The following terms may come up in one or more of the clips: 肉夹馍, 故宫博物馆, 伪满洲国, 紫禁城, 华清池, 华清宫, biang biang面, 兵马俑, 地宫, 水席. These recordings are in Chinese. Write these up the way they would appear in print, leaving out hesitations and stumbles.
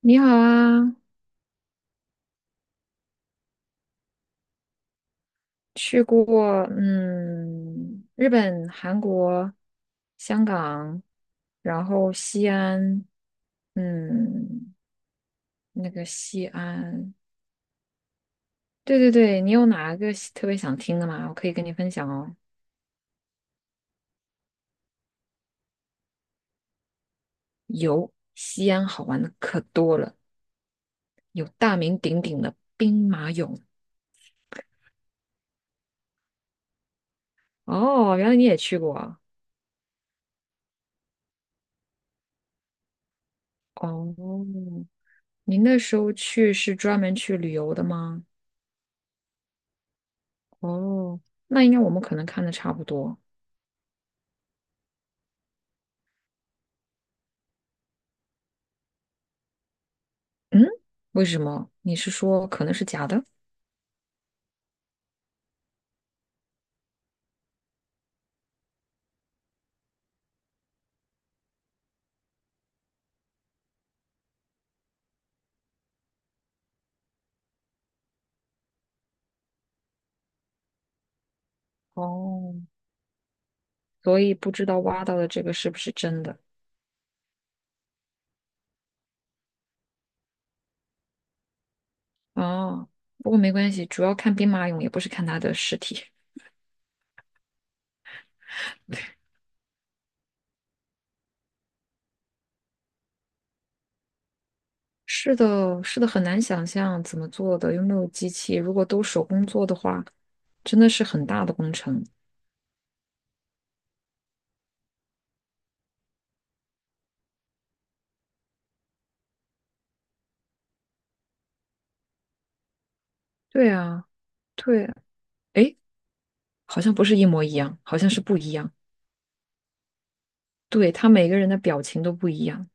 你好啊。去过日本、韩国、香港，然后西安，嗯，那个西安。对对对，你有哪个喜特别想听的吗？我可以跟你分享哦。有，西安好玩的可多了，有大名鼎鼎的兵马俑。哦，原来你也去过啊。哦，您那时候去是专门去旅游的吗？哦，那应该我们可能看的差不多。嗯，为什么？你是说可能是假的？哦，所以不知道挖到的这个是不是真的？哦，不过没关系，主要看兵马俑，也不是看他的尸体。是的，是的，很难想象怎么做的，又没有机器。如果都手工做的话，真的是很大的工程。对啊，对。诶，好像不是一模一样，好像是不一样。对，他每个人的表情都不一样。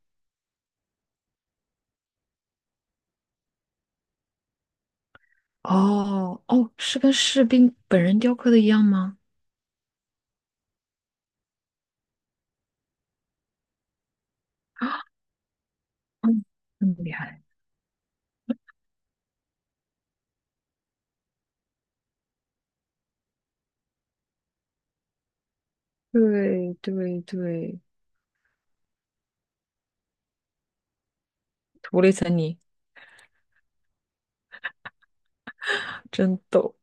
哦哦，是跟士兵本人雕刻的一样吗？嗯，这么厉害。对对对，涂了一层泥。真逗。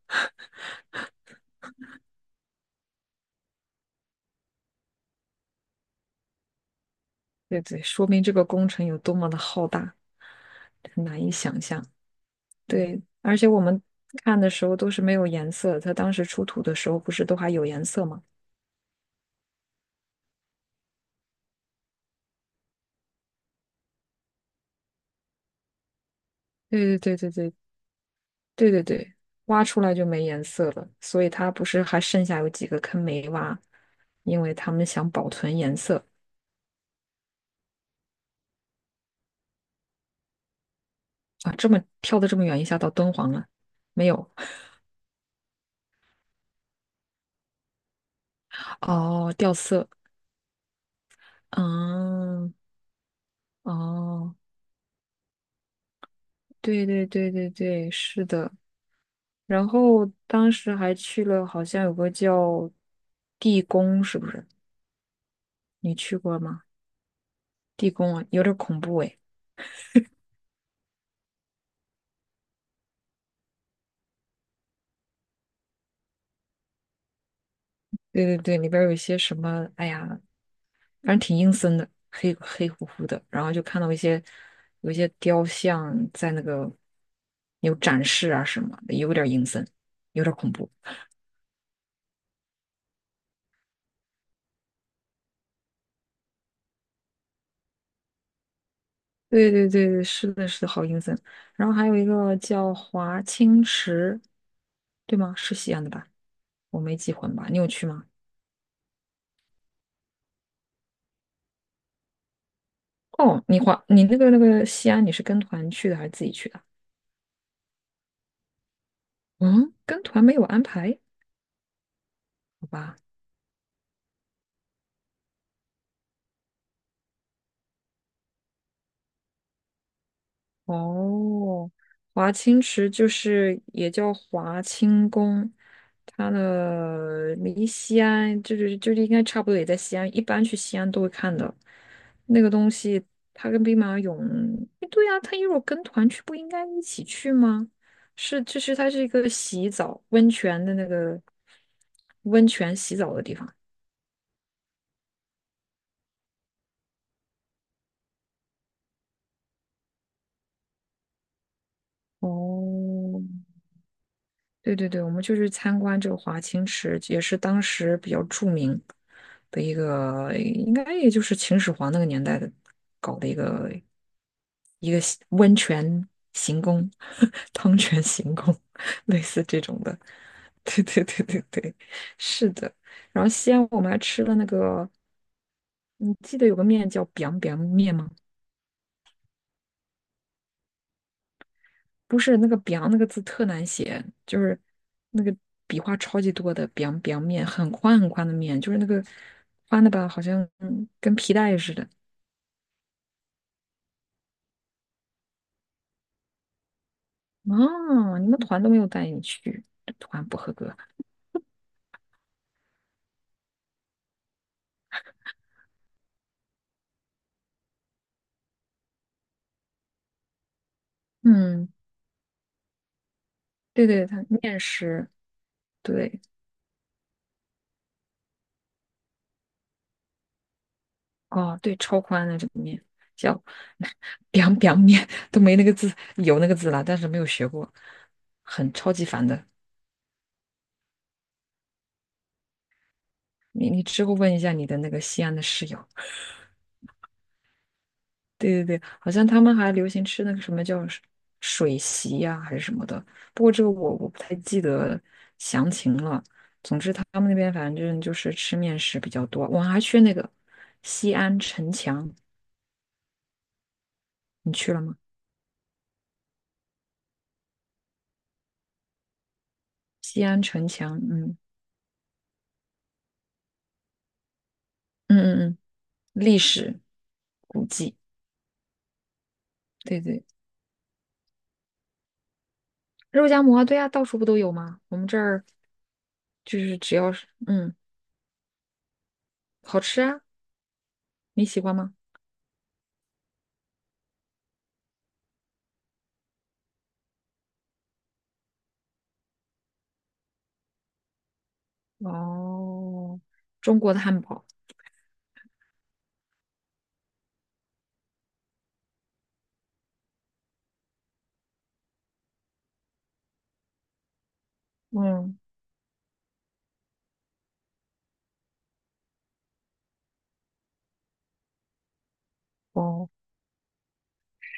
对对，说明这个工程有多么的浩大，难以想象。对，而且我们看的时候都是没有颜色，它当时出土的时候不是都还有颜色吗？对对对对对对对对，挖出来就没颜色了，所以它不是还剩下有几个坑没挖，因为他们想保存颜色啊。这么跳的这么远，一下到敦煌了。没有。哦，掉色。嗯，哦。对对对对对，是的。然后当时还去了，好像有个叫地宫，是不是？你去过吗？地宫啊，有点恐怖哎。对对对，里边有一些什么，哎呀，反正挺阴森的，黑黑乎乎的。然后就看到一些雕像在那个有展示啊什么的，有点阴森，有点恐怖。对对对对，是的，是的，好阴森。然后还有一个叫华清池，对吗？是西安的吧？我没记混吧？你有去吗？哦，你华，你那个那个西安，你是跟团去的还是自己去的？嗯，跟团没有安排，好吧。哦，华清池就是也叫华清宫，它的离西安应该差不多也在西安，一般去西安都会看的。那个东西，它跟兵马俑，诶对呀、啊，它如果跟团去，不应该一起去吗？是，就是它是一个洗澡温泉的那个温泉洗澡的地方。哦，对对对，我们就去参观这个华清池，也是当时比较著名的一个，应该也就是秦始皇那个年代的搞的一个洗温泉行宫、汤泉行宫，类似这种的。对对对对对，是的。然后西安我们还吃了那个，你记得有个面叫 biang biang 面吗？不是那个 b 那个字特难写，就是那个笔画超级多的 b i 面”，很宽很宽的面，就是那个宽的吧，好像跟皮带似的。哦，你们团都没有带你去，这团不合格。嗯，对对，它面食，对。哦，对，超宽的这个面叫 b i a 面”，都没那个字，有那个字了，但是没有学过，很超级烦的。你之后问一下你的那个西安的室友。对对对，好像他们还流行吃那个什么叫水席呀、还是什么的。不过这个我不太记得详情了。总之他们那边反正就是吃面食比较多。我还去那个西安城墙，你去了吗？西安城墙，嗯嗯嗯嗯，历史古迹，对对。肉夹馍，对呀、到处不都有吗？我们这儿就是只要是好吃啊，你喜欢吗？哦，中国的汉堡。嗯。哦。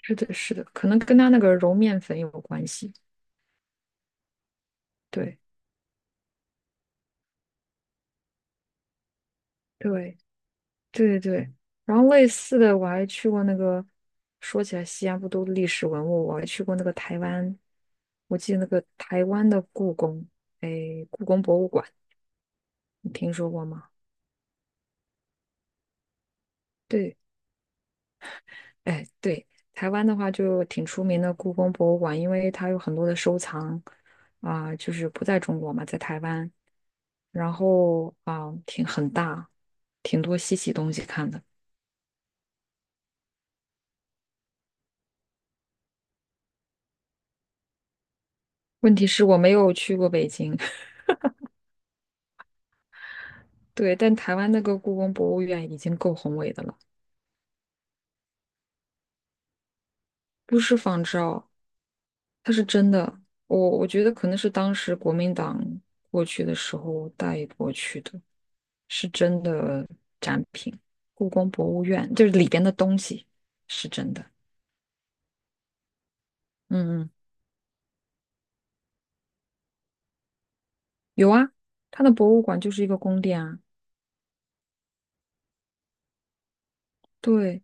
是的，是的，可能跟他那个揉面粉有关系。对，对，对对对。然后类似的，我还去过那个，说起来西安不都历史文物，我还去过那个台湾，我记得那个台湾的故宫，哎，故宫博物馆，你听说过吗？对，哎，对，台湾的话就挺出名的故宫博物馆，因为它有很多的收藏啊、就是不在中国嘛，在台湾，然后啊、挺很大，挺多稀奇东西看的。问题是我没有去过北京。对，但台湾那个故宫博物院已经够宏伟的了，不是仿照，它是真的。我觉得可能是当时国民党过去的时候带过去的，是真的展品。故宫博物院就是里边的东西是真的。嗯嗯，有啊，它的博物馆就是一个宫殿啊。对，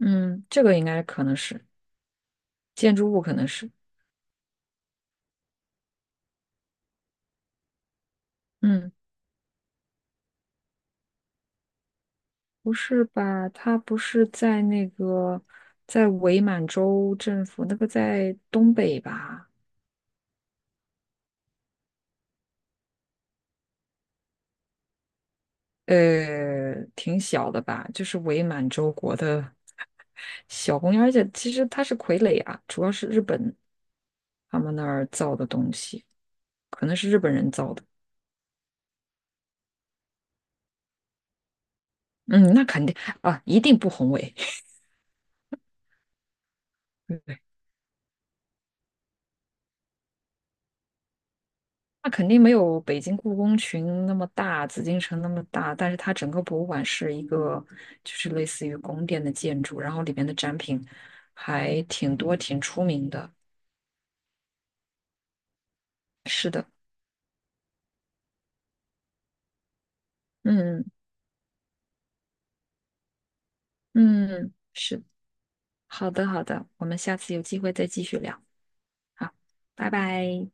嗯，这个应该可能是建筑物，可能是。嗯。不是吧？他不是在那个在伪满洲政府那个在东北吧？呃，挺小的吧？就是伪满洲国的 小公园，而且其实它是傀儡啊，主要是日本他们那儿造的东西，可能是日本人造的。嗯，那肯定啊，一定不宏伟。那肯定没有北京故宫群那么大，紫禁城那么大，但是它整个博物馆是一个，就是类似于宫殿的建筑，然后里面的展品还挺多，挺出名的。是的，嗯嗯，是，好的好的，我们下次有机会再继续聊，好，拜拜。